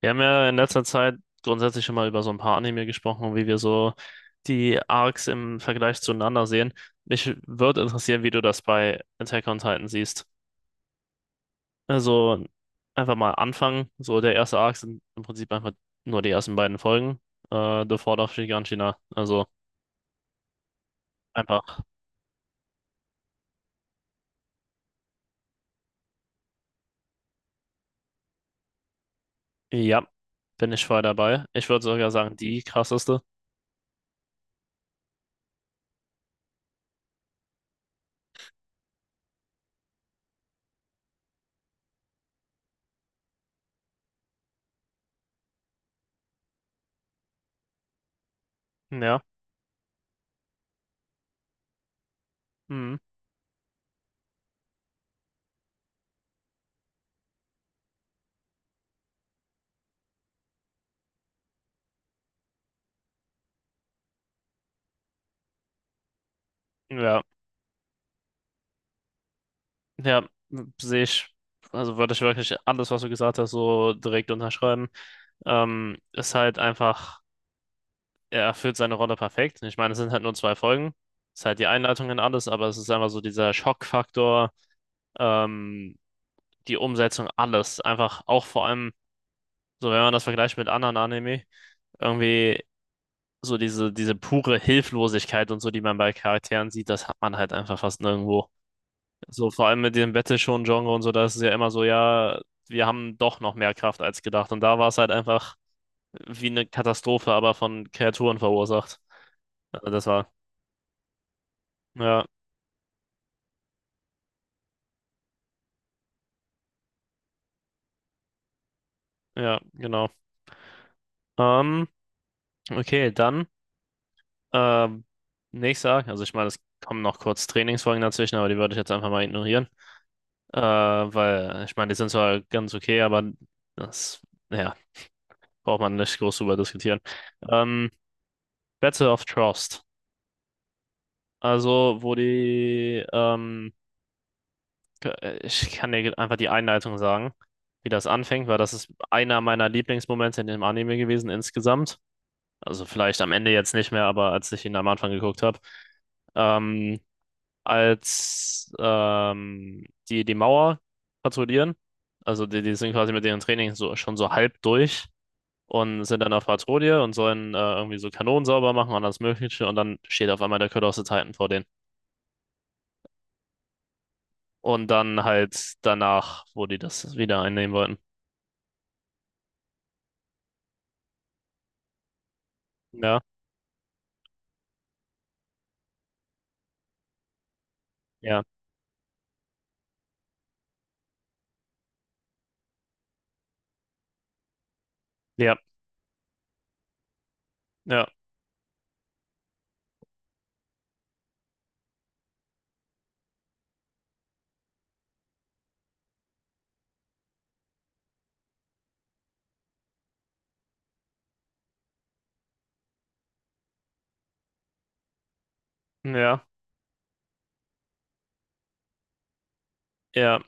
Wir haben ja in letzter Zeit grundsätzlich schon mal über so ein paar Anime gesprochen und wie wir so die Arcs im Vergleich zueinander sehen. Mich würde interessieren, wie du das bei Attack on Titan siehst. Also einfach mal anfangen. So der erste Arc sind im Prinzip einfach nur die ersten beiden Folgen. The Fall of Giganshina. Also einfach, ja, bin ich voll dabei. Ich würde sogar sagen, die krasseste. Ja, mhm. Ja, ja, sehe ich. Also würde ich wirklich alles, was du gesagt hast, so direkt unterschreiben. Ist halt einfach, er erfüllt seine Rolle perfekt. Ich meine, es sind halt nur zwei Folgen. Ist halt die Einleitung in alles, aber es ist einfach so dieser Schockfaktor, ähm, die Umsetzung, alles. Einfach auch vor allem, so wenn man das vergleicht mit anderen Anime, irgendwie so diese pure Hilflosigkeit und so, die man bei Charakteren sieht, das hat man halt einfach fast nirgendwo. So vor allem mit dem Battle Shonen Genre und so, da ist es ja immer so, ja, wir haben doch noch mehr Kraft als gedacht. Und da war es halt einfach wie eine Katastrophe, aber von Kreaturen verursacht. Also das war. Ja, ja, genau. Ähm, okay, dann ähm, nächster. Also ich meine, es kommen noch kurz Trainingsfolgen dazwischen, aber die würde ich jetzt einfach mal ignorieren. Weil ich meine, die sind zwar ganz okay, aber das, ja, braucht man nicht groß drüber diskutieren. Ähm, Battle of Trust. Also, wo die, ich kann dir einfach die Einleitung sagen, wie das anfängt, weil das ist einer meiner Lieblingsmomente in dem Anime gewesen insgesamt. Also vielleicht am Ende jetzt nicht mehr, aber als ich ihn am Anfang geguckt habe, ähm, als die Mauer patrouillieren. Also die, die sind quasi mit ihren Trainings so, schon so halb durch und sind dann auf Patrouille und sollen irgendwie so Kanonen sauber machen und alles Mögliche. Und dann steht auf einmal der Colossal Titan vor denen. Und dann halt danach, wo die das wieder einnehmen wollten. Ja, ja, ja, ja, ja, ja.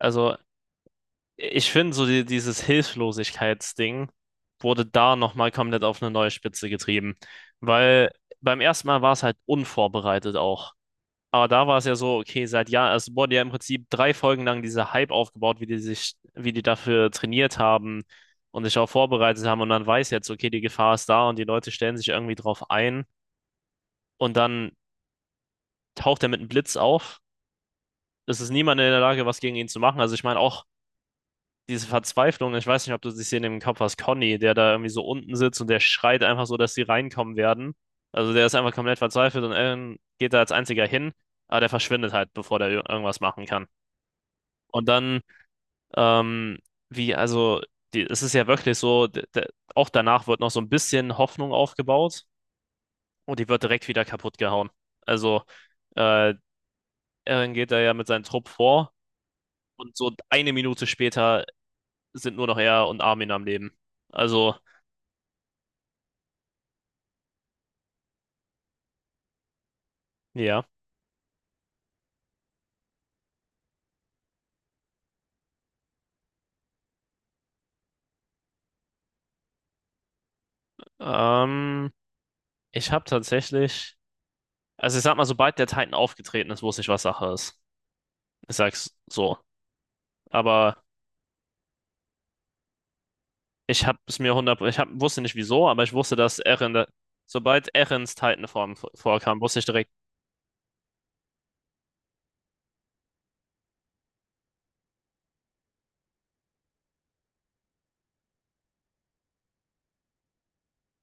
Also ich finde, so die, dieses Hilflosigkeitsding wurde da nochmal komplett auf eine neue Spitze getrieben. Weil beim ersten Mal war es halt unvorbereitet auch. Aber da war es ja so, okay, seit Jahren, es wurde ja im Prinzip drei Folgen lang dieser Hype aufgebaut, wie die sich, wie die dafür trainiert haben und sich auch vorbereitet haben. Und man weiß jetzt, okay, die Gefahr ist da und die Leute stellen sich irgendwie drauf ein. Und dann taucht er mit einem Blitz auf. Es ist niemand in der Lage, was gegen ihn zu machen. Also ich meine, auch diese Verzweiflung, ich weiß nicht, ob du die Szene im Kopf hast, Conny, der da irgendwie so unten sitzt und der schreit einfach so, dass die reinkommen werden. Also der ist einfach komplett verzweifelt und Aaron geht da als einziger hin, aber der verschwindet halt, bevor der irgendwas machen kann. Und dann, ähm, wie, also, die, es ist ja wirklich so, auch danach wird noch so ein bisschen Hoffnung aufgebaut und die wird direkt wieder kaputt gehauen. Also, äh, Aaron geht da ja mit seinem Trupp vor und so eine Minute später sind nur noch er und Armin am Leben. Also, ja. Ähm, ich habe tatsächlich, also ich sag mal, sobald der Titan aufgetreten ist, wusste ich, was Sache ist. Ich sag's so. Aber ich habe es mir hundert, ich hab, wusste nicht wieso, aber ich wusste, dass Eren, sobald Erens vorkam, wusste ich direkt,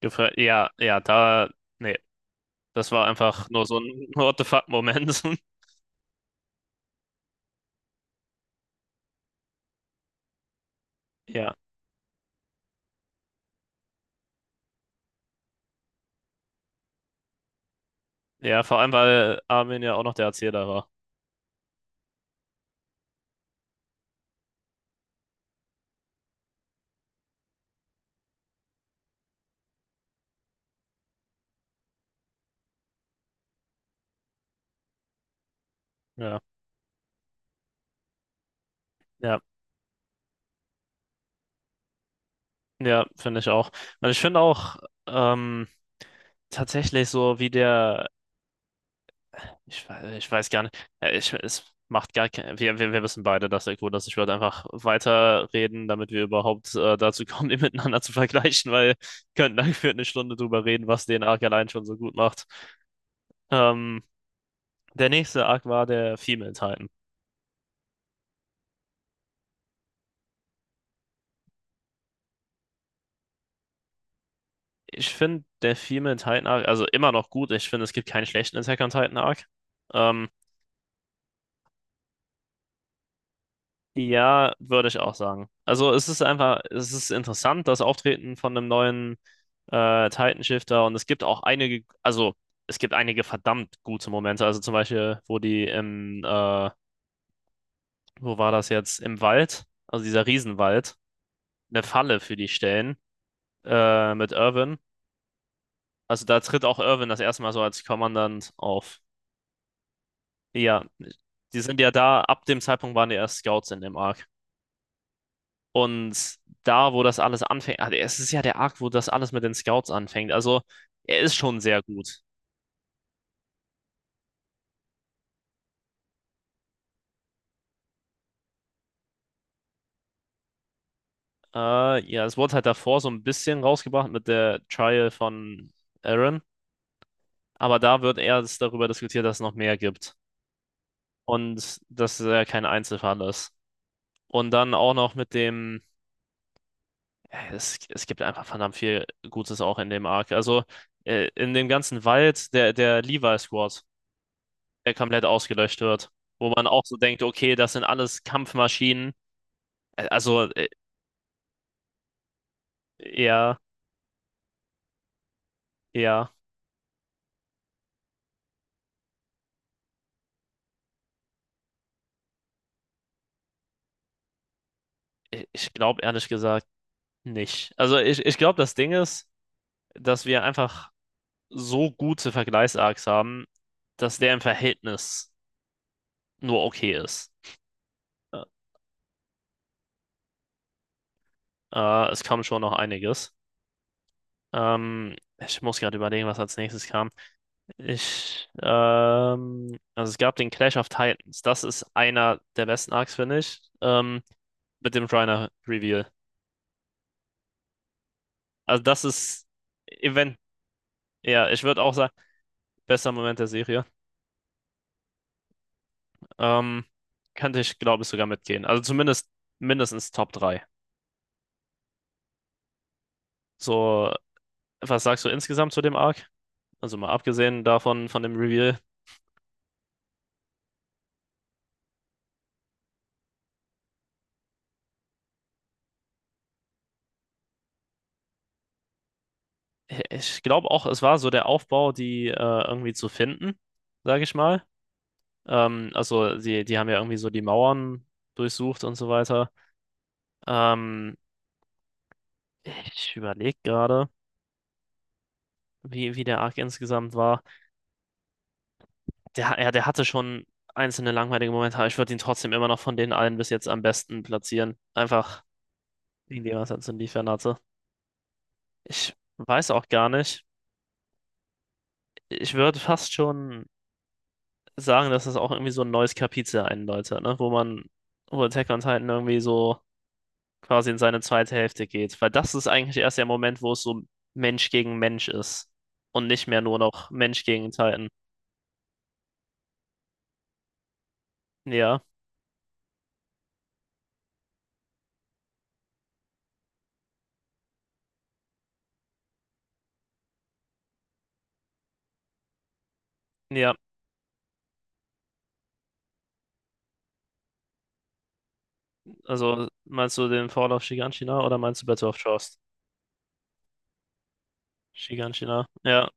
ja, ja, da, nee, das war einfach nur so ein What the fuck-Moment. Ja, ja, vor allem, weil Armin ja auch noch der Erzähler war. Ja, ja, ja, finde ich auch. Und ich finde auch, ähm, tatsächlich so, wie der ich weiß gar nicht. Ja, Ich, es macht gar kein, wir wissen beide, dass der Code ist. Ich würde einfach weiterreden, damit wir überhaupt dazu kommen, die miteinander zu vergleichen, weil wir könnten dann für eine Stunde drüber reden, was den Arc allein schon so gut macht. Ähm, der nächste Arc war der Female Titan. Ich finde der Female Titan Arc, also immer noch gut. Ich finde, es gibt keinen schlechten Attack on Titan Arc. Ähm, Ja, würde ich auch sagen. Also es ist einfach, es ist interessant, das Auftreten von einem neuen Titan-Shifter und es gibt auch einige, also es gibt einige verdammt gute Momente. Also zum Beispiel, wo die im, wo war das jetzt? Im Wald, also dieser Riesenwald, eine Falle für die stellen mit Irwin. Also da tritt auch Irwin das erste Mal so als Kommandant auf. Ja, die sind ja da, ab dem Zeitpunkt waren die erst Scouts in dem Arc. Und da, wo das alles anfängt, ah, es ist ja der Arc, wo das alles mit den Scouts anfängt. Also, er ist schon sehr gut. Ja, es wurde halt davor so ein bisschen rausgebracht mit der Trial von Aaron, aber da wird erst darüber diskutiert, dass es noch mehr gibt und dass er kein Einzelfall ist. Und dann auch noch mit dem, es gibt einfach verdammt viel Gutes auch in dem Arc. Also, in dem ganzen Wald, der Levi Squad der komplett ausgelöscht wird. Wo man auch so denkt, okay, das sind alles Kampfmaschinen. Äh, Also äh, eher, eher, ich glaube ehrlich gesagt nicht. Also ich glaube, das Ding ist, dass wir einfach so gute Vergleichsarcs haben, dass der im Verhältnis nur okay ist. Ä- es kam schon noch einiges. Ich muss gerade überlegen, was als nächstes kam. Also es gab den Clash of Titans. Das ist einer der besten Arcs, finde ich. Mit dem Reiner Reveal. Also das ist Event, ja, ich würde auch sagen, bester Moment der Serie. Ähm, könnte ich, glaube ich, sogar mitgehen. Also zumindest mindestens Top 3. So, was sagst du insgesamt zu dem Arc? Also mal abgesehen davon, von dem Reveal. Ich glaube auch, es war so der Aufbau, die irgendwie zu finden, sage ich mal. Also die, die haben ja irgendwie so die Mauern durchsucht und so weiter. Ähm, ich überlege gerade, wie der Arc insgesamt war. Der, ja, der hatte schon einzelne langweilige Momente, aber ich würde ihn trotzdem immer noch von den allen bis jetzt am besten platzieren. Einfach wegen dem, was er zu liefern hatte. Ich weiß auch gar nicht. Ich würde fast schon sagen, dass es auch irgendwie so ein neues Kapitel einläutet, ne? Wo man, wo Attack on Titan irgendwie so quasi in seine zweite Hälfte geht. Weil das ist eigentlich erst der Moment, wo es so Mensch gegen Mensch ist. Und nicht mehr nur noch Mensch gegen Titan. Ja, ja. Also meinst du den Fall of Shiganshina oder meinst du Battle of Trost? Shiganshina. Ja,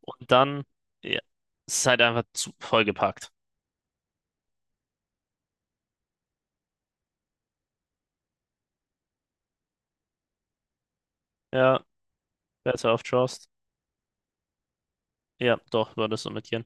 und dann, ja, es ist halt einfach zu vollgepackt. Ja, Battle of Trost. Ja, doch, war das so mit Yen.